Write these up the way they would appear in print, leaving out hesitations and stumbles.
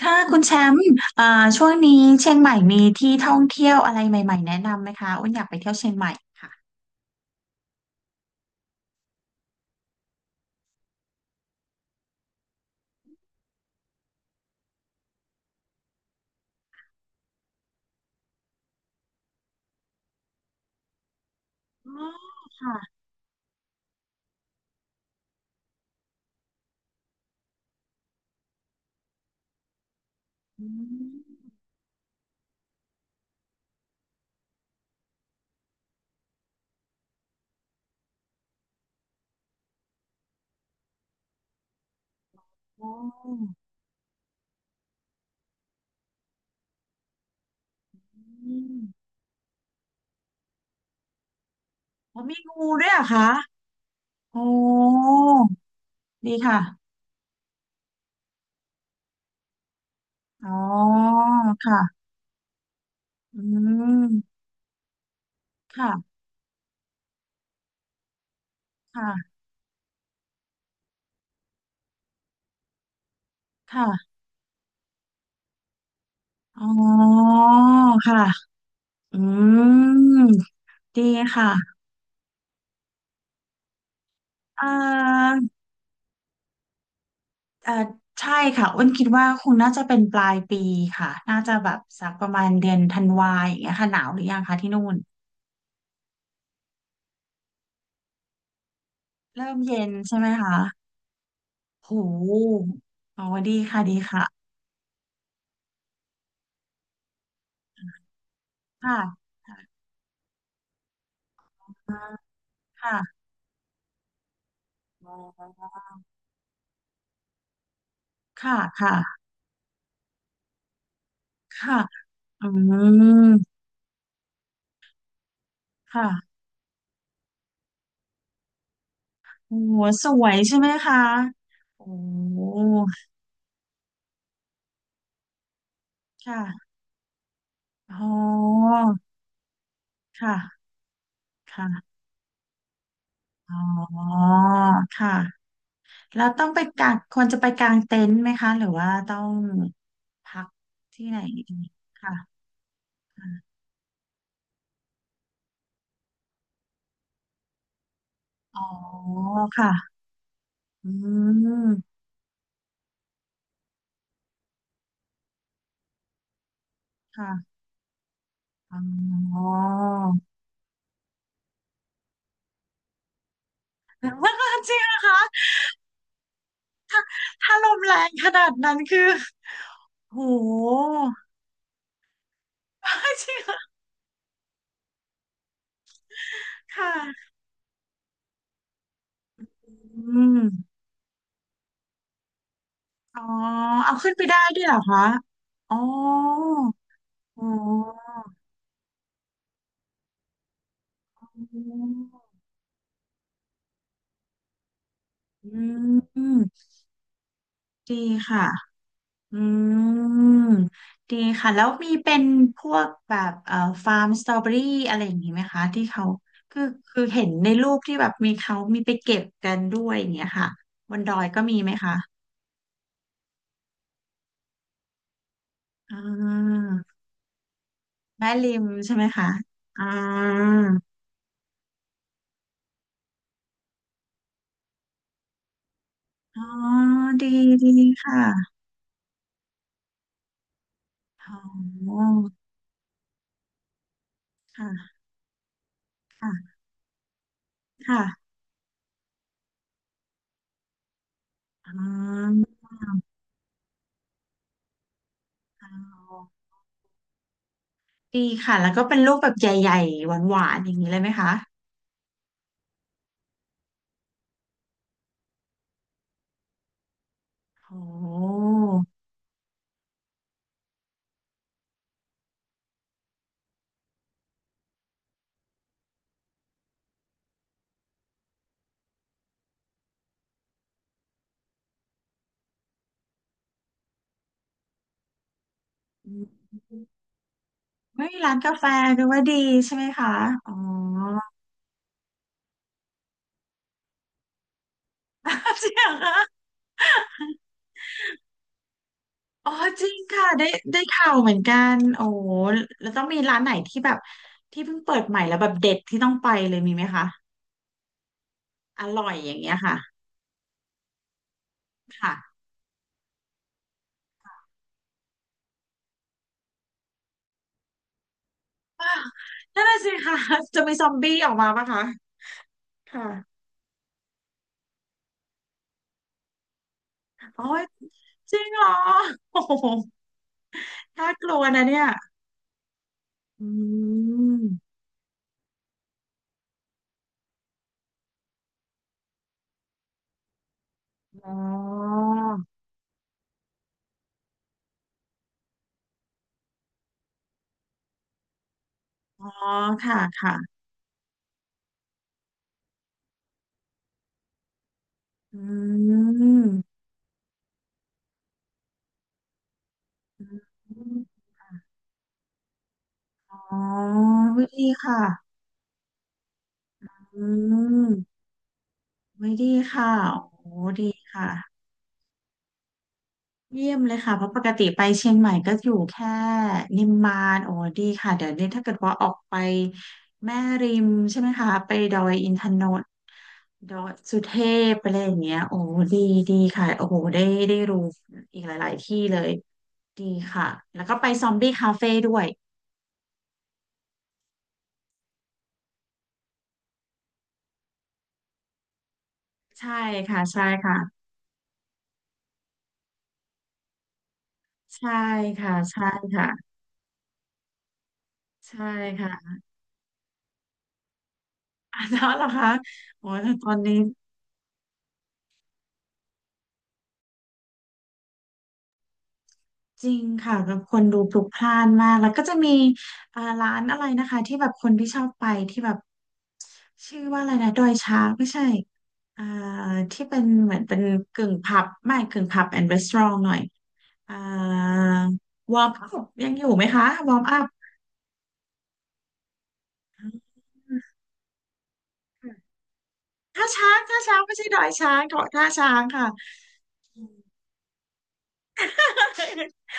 ค่ะคุณแชมป์อ่าช่วงนี้เชียงใหม่มีที่ท่องเที่ยวอะไรใหม่ๆแนะนำไหมคะอ้นอยากไปเที่ยวเชียงใหม่ค่ะอ๋อมีงูด้วยเหรอะคะโอ้ดีค่ะอ๋อค่ะอืมค่ะค่ะค่ะอ๋อค่ะอืมดีค่ะเอ่อเอ่อใช่ค่ะอ้นคิดว่าคงน่าจะเป็นปลายปีค่ะน่าจะแบบสักประมาณเดือนธันวาอย่างเงี้ยค่ะหนาวหรือยังคะที่นู่นเริ่มเย็นใช่ไหมคะ โหอ๋อดีค่ะดีค่ะค่ะอ่าค่ะค่ะค่ะค่ะอืมค่ะโอ้โหสวยใช่ไหมคะ โอ้โหค่ะอ๋อค่ะค่ะอ๋อค่ะแล้วต้องไปกางควรจะไปกางเต็นท์ไหมคะหรือว่าต้องพักที่ไหนดีค่ะอ๋อค่ะอืมค่ะอ๋อ มันก็จริงนะคะถ้าลมแรงขนาดนั้นคือ โห จริงเหรอค่ะอืมอ๋อเอาขึ้นไปได้ด้วยเหรอคะอ๋อ อ๋ออืมอืมดีค่ะอืมดีค่ะ แล้วมีเป็นพวกแบบฟาร์มสตรอเบอรี่อะไรอย่างนี้ไหมคะที่เขาคือคือเห็นในรูปที่แบบมีเขามีไปเก็บกันด้วยอย่างเงี้ยค่ะ บนดอยก็มีไหมคะ อ่าแม่ริมใช่ไหมคะอ่าอ๋อดีดีค่ะอ๋อค่ะค่ะค่ะอ๋ออ๋อดีค่ะแล้วก็เป็นรูปแบบใหญ่ๆหวานๆอย่างนี้เลยไหมคะโอ้อืมเฮ้ยร้านกาแฟดูว่าดีใช่ไหมคะอ๋อ จริงเหรอคะอ๋อจริงค่ะได้ได้ข่าวเหมือนกันโอ้แล้วต้องมีร้านไหนที่แบบที่เพิ่งเปิดใหม่แล้วแบบเด็ดที่ต้องไปเลยมีไหมคะ อร่อยอย่างเงี้ยค่ะค่ะอ้าวนั่นน่ะสิค่ะจะมีซอมบี้ออกมาปะคะค่ะโอ้ยจริงเหรอโอ้โหน่ากลัวนะเนี่ยอืมอ๋ออ๋อค่ะค่ะอืมอ๋อไม่ดีค่ะอืมไม่ดีค่ะโอ้ดีค่ะ เยี่ยมเลยค่ะเพราะปกติไปเชียงใหม่ก็อยู่แค่นิมมานโอ้ดีค่ะเดี๋ยวนี้ถ้าเกิดว่าออกไปแม่ริมใช่ไหมคะไปดอยอินทนนท์ดอยสุเทพอะไรอย่างเงี้ยโอ้ดีดีค่ะโอ้โหได้ได้รู้อีกหลายๆที่เลยดีค่ะแล้วก็ไปซอมบี้คาเฟ่ด้วยใช่ค่ะใช่ค่ะใช่ค่ะใช่ค่ะใช่ค่ะ อ้าวแล้วเหรอคะโอ้ยตอนนี้ จริงค่ะแบบคนดูพลุกพล่านมากแล้วก็จะมีร้านอะไรนะคะที่แบบคนที่ชอบไปที่แบบชื่อว่าอะไรนะดอยช้างไม่ใช่อ่าที่เป็นเหมือนเป็นกึ่งผับไม่กึ่งผับแอนด์รีสอร์ทหน่อยอ่าวอร์มอัพยังอยู่ไหมคะวอร์มอัพท่าช้างท่าช้างไม่ใช่ดอยช้างเกาะท่าช้างค่ะ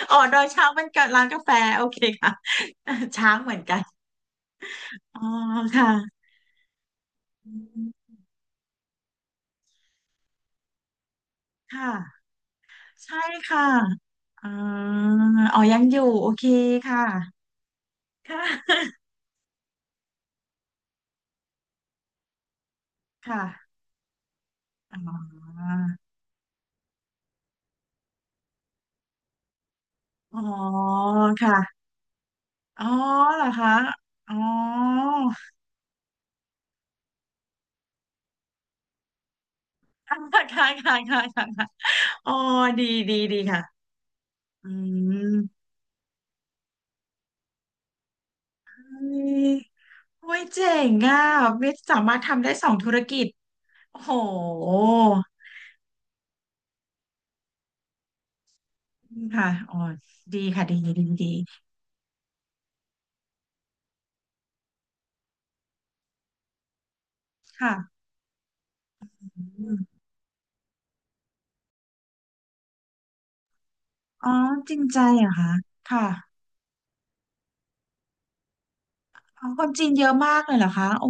อ๋อดอยช้างเป็นกับร้านกาแฟโอเคค่ะ ช้างเหมือนกันอ๋อค่ะค่ะ ใช่ค่ะอ่าอ๋อยังอยู่ โอเคค่ะค่ะค่ะอ๋ออ๋อค่ะอ๋อเหรอคะอ๋อค่ะค่ะค่ะค่ะค่ะค่ะอ๋อดีดีดีค่ะ อืมเฮ้ยโอ้ยเจ๋งอ่ะวิทย์สามารถทำได้สองธุรกิจโอ้โหค่ะอ๋อดีค่ะดีดีดีค่ะอืมอ๋อจริงใจเหรอคะค่ะ อ๋อคนจีนเยอะมากเลยเหรอคะโอ้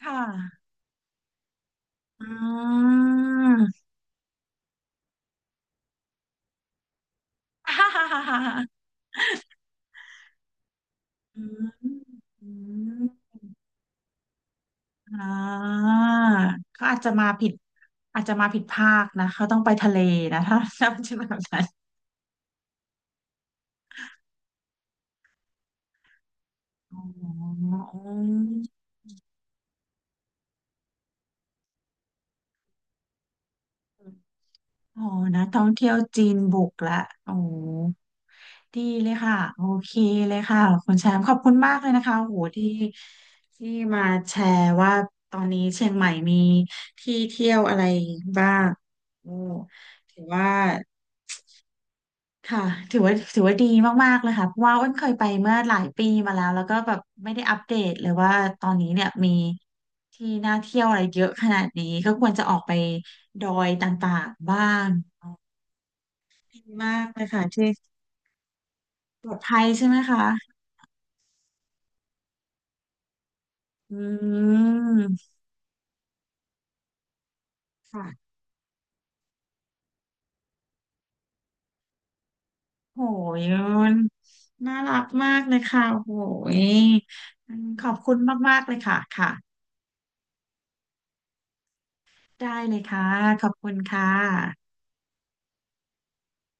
ค่ะอ่าฮ่าฮ่าฮ่าฮ่าฮ่าอืมอืมอ่าเขาอาจจะมาผิด อาจจะมาผิดภาคนะ เขาต้องไปทะเลนะถ้าถ้าเป็นแบบนั้นอ๋อ อ๋อนะท่องเที่ยวจีนบุกละโอ้ดีเลยค่ะโอเคเลยค่ะคุณแชมป์ขอบคุณมากเลยนะคะโอ้โหที่ที่มาแชร์ว่าตอนนี้เชียงใหม่มีที่เที่ยวอะไรบ้างโอ้ถือว่าค่ะถือว่าถือว่าดีมากๆเลยค่ะเพราะว่าอ้นเคยไปเมื่อหลายปีมาแล้วแล้วก็แบบไม่ได้อัปเดตเลยว่าตอนนี้เนี่ยมีที่น่าเที่ยวอะไรเยอะขนาดนี้ก็ควรจะออกไปดอยต่างๆบ้าง ดีมากเลยค่ะที่ปลอดภัยใช่ไหมคะอืมค่ะโหยนน่ารักมากเลยค่ะโหยขอบคุณมากๆเลยค่ะค่ะ ได้เลยค่ะ ขอบคุณค่ะ